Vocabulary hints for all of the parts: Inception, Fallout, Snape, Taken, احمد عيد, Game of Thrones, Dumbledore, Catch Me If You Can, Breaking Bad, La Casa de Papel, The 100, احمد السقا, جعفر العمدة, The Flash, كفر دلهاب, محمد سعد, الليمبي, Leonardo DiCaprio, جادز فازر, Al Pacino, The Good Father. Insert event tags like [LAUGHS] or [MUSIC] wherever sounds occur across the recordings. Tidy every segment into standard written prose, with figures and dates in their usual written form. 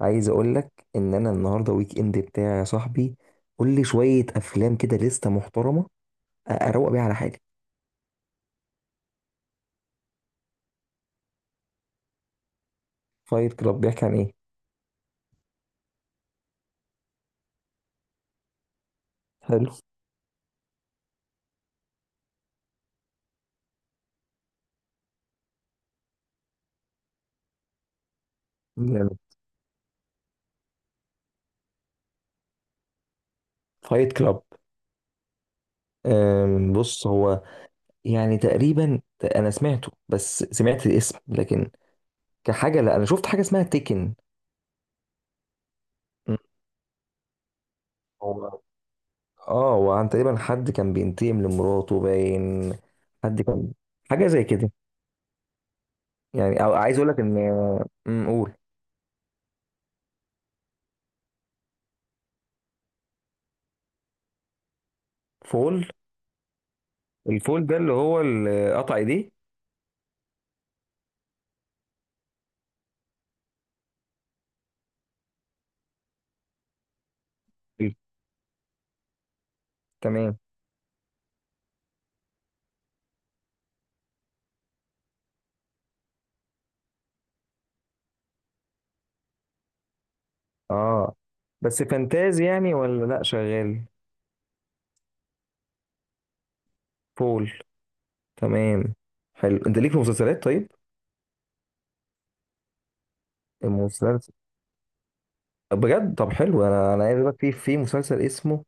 عايز اقول لك ان انا النهارده ويك اند بتاعي يا صاحبي. قول لي شويه افلام كده لسته محترمه اروق بيها على حالي. فايت كلاب بيحكي عن ايه؟ حلو. جامد. فايت كلاب. بص هو، يعني تقريبا انا سمعته، بس سمعت الاسم لكن كحاجه. لا انا شفت حاجه اسمها تيكن. م، هو اه، وعن تقريبا حد كان بينتقم لمراته باين. حد كان حاجه زي كده. يعني أو عايز اقول لك ان، قول. فول. الفول ده اللي هو اللي قطع ايديه؟ ال- تمام. اه بس فانتازي يعني ولا لا شغال؟ فول. تمام. حلو، انت ليك في مسلسلات طيب؟ المسلسل، بجد؟ طب حلو، انا عايز اقول لك في مسلسل اسمه،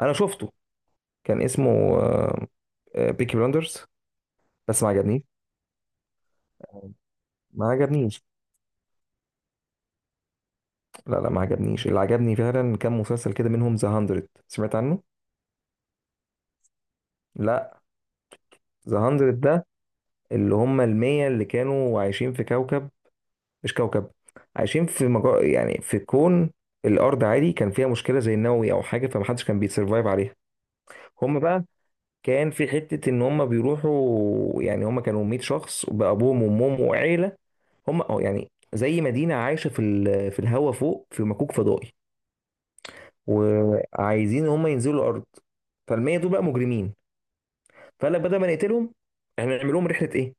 انا شفته، كان اسمه بيكي بلاندرز، بس ما عجبنيش. ما عجبنيش. لا ما عجبنيش. اللي عجبني فعلا كان مسلسل كده منهم ذا 100، سمعت عنه؟ لا. ذا 100 ده اللي هم المية اللي كانوا عايشين في كوكب، مش كوكب، عايشين في يعني في كون. الارض عادي كان فيها مشكله زي النووي او حاجه، فمحدش كان بيتسرفايف عليها. هم بقى كان في حته ان هم بيروحوا، يعني هم كانوا 100 شخص بابوهم وامهم وعيله. هم اه يعني زي مدينه عايشه في في الهوا فوق في مكوك فضائي، وعايزين ان هم ينزلوا الارض. فالمية دول بقى مجرمين، فقال لك بدل ما نقتلهم احنا نعمل لهم رحله ايه،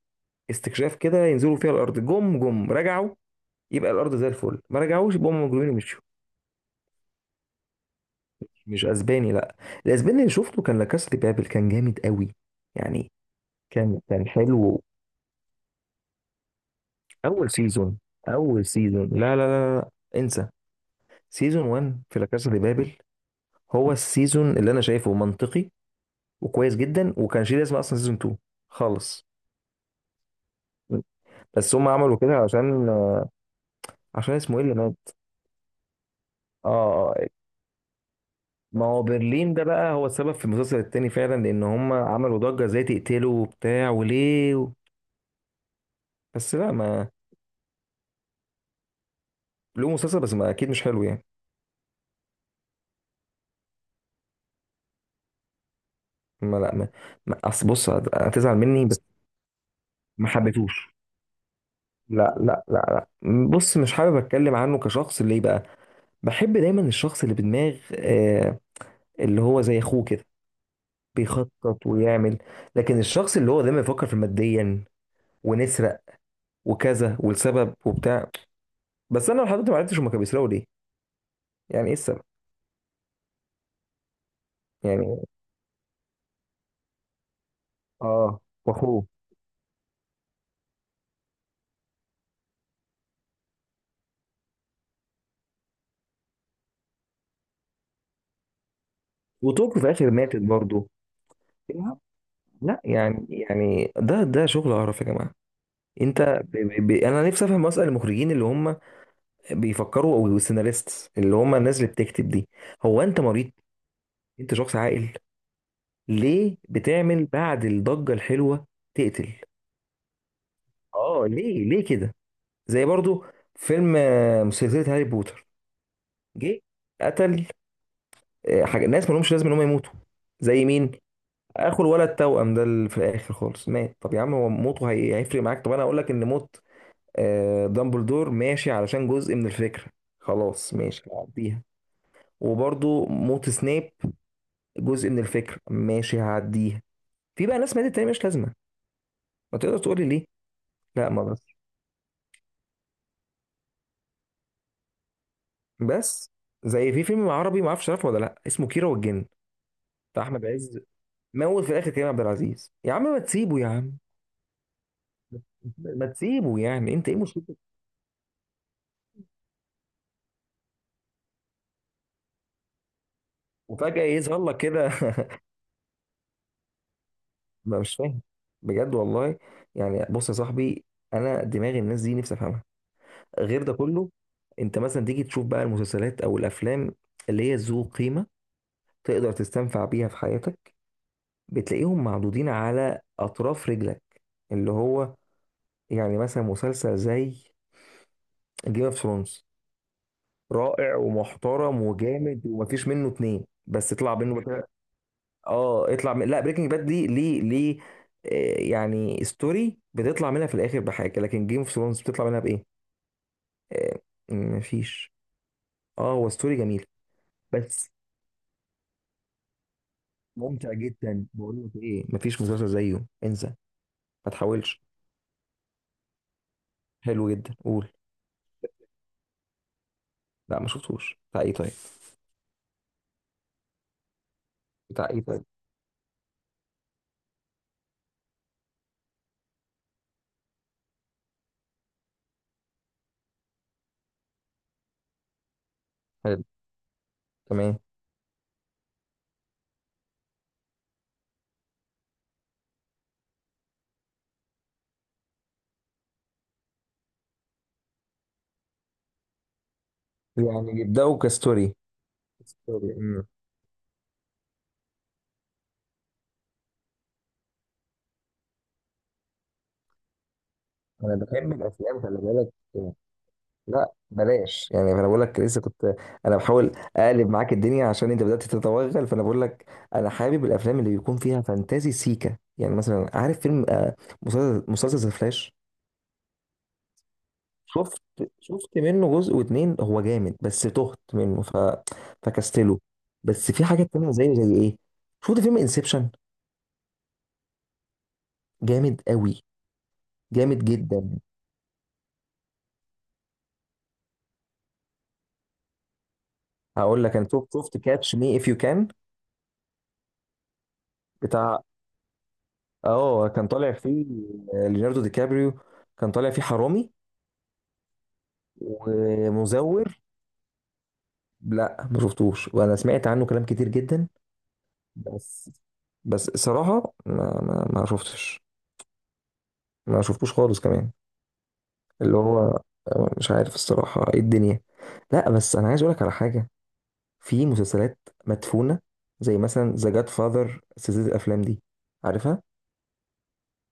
استكشاف كده، ينزلوا فيها الارض. جم جم رجعوا يبقى الارض زي الفل، ما رجعوش يبقى هم مجرمين ومشوا. مش اسباني، لا. الاسباني اللي شفته كان لاكاس دي بابل، كان جامد قوي. يعني كان كان حلو. اول سيزون. اول سيزون. لا. انسى. سيزون 1 في لاكاس دي بابل. هو السيزون اللي انا شايفه منطقي وكويس جدا، وكان شيء لازم اصلا. سيزون 2 خالص. بس هم عملوا كده عشان، عشان اسمه ايه اللي مات. اه. آه، ما هو برلين ده بقى هو السبب في المسلسل التاني فعلا، لان هم عملوا ضجة ازاي تقتله وبتاع وليه و... بس لا، ما، له مسلسل بس ما، اكيد مش حلو يعني. ما لا ما اصل بص هتزعل مني بس. ما حبيتهوش. لا بص مش حابب اتكلم عنه كشخص. ليه بقى؟ بحب دايما الشخص اللي بدماغ اللي هو زي اخوه كده، بيخطط ويعمل. لكن الشخص اللي هو دايما يفكر في ماديا، ونسرق وكذا والسبب وبتاع. بس انا لحد دلوقتي ما عرفتش هما كانوا بيسرقوا ليه، يعني ايه السبب. يعني اه، واخوه. وتوكو في الاخر ماتت برضه. لا، لا، يعني يعني ده شغل قرف يا جماعه. انت انا نفسي افهم اصلا المخرجين اللي هم بيفكروا، او السيناريستس اللي هم الناس اللي بتكتب دي. هو انت مريض؟ انت شخص عاقل، ليه بتعمل بعد الضجة الحلوة تقتل؟ اه ليه كده؟ زي برضو فيلم سلسلة هاري بوتر. جه قتل حاجة، ناس ما لهمش لازم ان هم يموتوا. زي مين؟ اخو الولد التوأم ده اللي في الاخر خالص مات. طب يا عم هو موته هيفرق معاك؟ طب انا اقول لك ان موت دامبلدور ماشي، علشان جزء من الفكرة، خلاص ماشي هعديها. وبرضو موت سنيب جزء من الفكرة، ماشي هعديها. في بقى ناس ماتت تاني مش لازمة، ما تقدر تقول لي ليه. لا ما بس، بس زي في فيلم عربي ما اعرفش عارفه ولا لا، اسمه كيرة والجن، بتاع احمد عز. موت في الاخر كريم عبد العزيز. يا عم ما تسيبه يا عم. ما تسيبه، يعني انت ايه مشكلتك؟ وفجأة يظهر لك كده. [LAUGHS] ما مش فاهم بجد والله. يعني بص يا صاحبي، انا دماغ الناس دي نفسي افهمها. غير ده كله، انت مثلا تيجي تشوف بقى المسلسلات او الافلام اللي هي ذو قيمه تقدر تستنفع بيها في حياتك، بتلاقيهم معدودين على اطراف رجلك. اللي هو يعني مثلا مسلسل زي جيم اوف ثرونز. رائع ومحترم وجامد، ومفيش منه اتنين. بس اطلع منه بريكنج بقى باد. اه، اطلع لا بريكنج باد دي، ليه؟ ليه؟ يعني ستوري بتطلع منها في الاخر بحاجه، لكن جيم اوف ثرونز بتطلع منها بايه؟ آه، مفيش. اه، هو ستوري جميل بس. ممتع جدا، بقول لك ايه، مفيش مسلسل زيه، انسى. ما تحاولش. حلو جدا، قول. لا ما شفتوش، بتاع ايه طيب؟ بتاع ايه طيب؟ حلو. تمام. يعني يبداوا كستوري. ستوري. انا بحب الافلام، خلي بالك. لا بلاش، يعني انا بقول لك لسه كنت، انا بحاول اقلب معاك الدنيا عشان انت بدات تتوغل، فانا بقول لك انا حابب الافلام اللي بيكون فيها فانتازي سيكا. يعني مثلا عارف فيلم مسلسل، فلاش. شفت، شفت منه جزء واتنين، هو جامد بس تهت منه ف... فكستله. بس في حاجات تانية زي، ايه، شفت فيلم انسبشن؟ جامد قوي، جامد جدا. هقول لك انا شفت، شفت كاتش مي اف يو كان. بتاع اه، كان طالع فيه ليوناردو دي كابريو، كان طالع فيه حرامي ومزور. لا ما شفتوش، وانا سمعت عنه كلام كتير جدا، بس، بس صراحة ما شفتش. ما شفتوش خالص كمان. اللي هو مش عارف الصراحة ايه الدنيا. لا بس انا عايز اقولك على حاجة، في مسلسلات مدفونة، زي مثلا ذا جاد فاذر، سلسلة الافلام دي، عارفها؟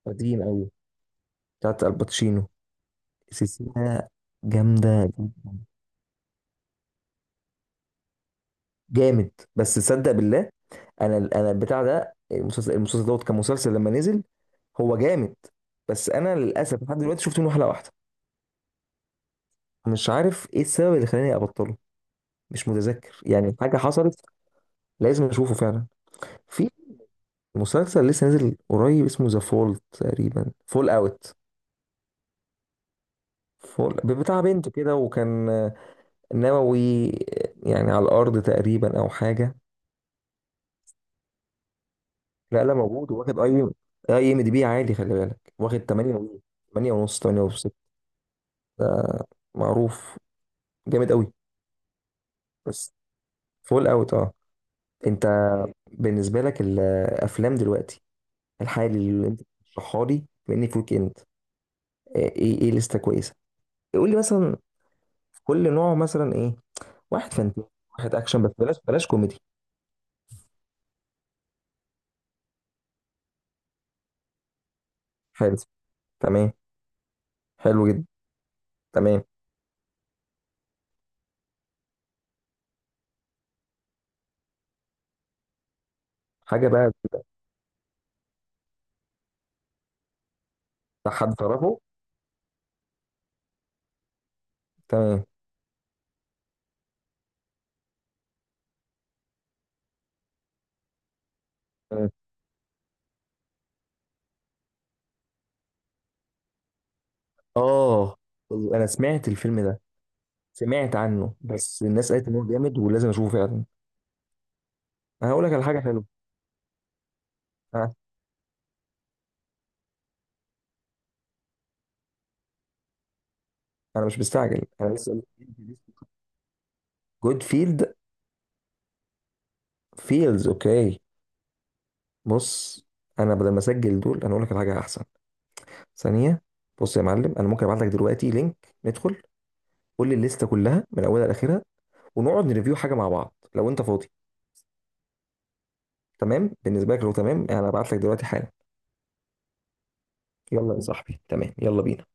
قديم قوي، بتاعت الباتشينو، سلسلة جامدة. جامد. بس تصدق بالله، انا البتاع ده المسلسل، دوت كمسلسل لما نزل هو جامد، بس انا للاسف لحد دلوقتي شفت منه حلقة واحدة. مش عارف ايه السبب اللي خلاني ابطله، مش متذكر يعني حاجة حصلت. لازم اشوفه فعلا. في مسلسل لسه نازل قريب، اسمه ذا فول، تقريبا فول اوت. فول بتاع بنت كده، وكان نووي، يعني على الارض تقريبا او حاجه. لا لا موجود، واخد اي، اي ام دي بي عالي خلي بالك، واخد 8 و، 8 ونص. 8 ونص معروف. جامد قوي. بس فول اوت، اه. انت بالنسبه لك الافلام دلوقتي الحالي اللي انت بتشرحها لي، بما انك ويك اند، ايه ايه لسته كويسه، قول لي مثلا في كل نوع مثلا ايه. واحد فانتازي، واحد اكشن، بس بلاش، بلاش كوميدي. حلو. تمام. حلو جدا. تمام. حاجه بقى، بتاع حد تعرفه؟ تمام. تمام. اه انا سمعت الفيلم ده، سمعت عنه بس الناس قالت ان هو جامد ولازم اشوفه فعلا. انا هقول لك على حاجه حلوه. انا، أنا مش مستعجل انا لسه. جود فيلد. فيلز. اوكي. بص انا بدل ما اسجل دول انا اقول لك على حاجه احسن. ثانيه. بص يا معلم، انا ممكن ابعت لك دلوقتي لينك ندخل، قول لي الليسته كلها من اولها لاخرها، ونقعد نريفيو حاجه مع بعض لو انت فاضي. تمام بالنسبه لك؟ لو تمام انا هبعت لك دلوقتي حالا. يلا يا صاحبي، تمام، يلا بينا.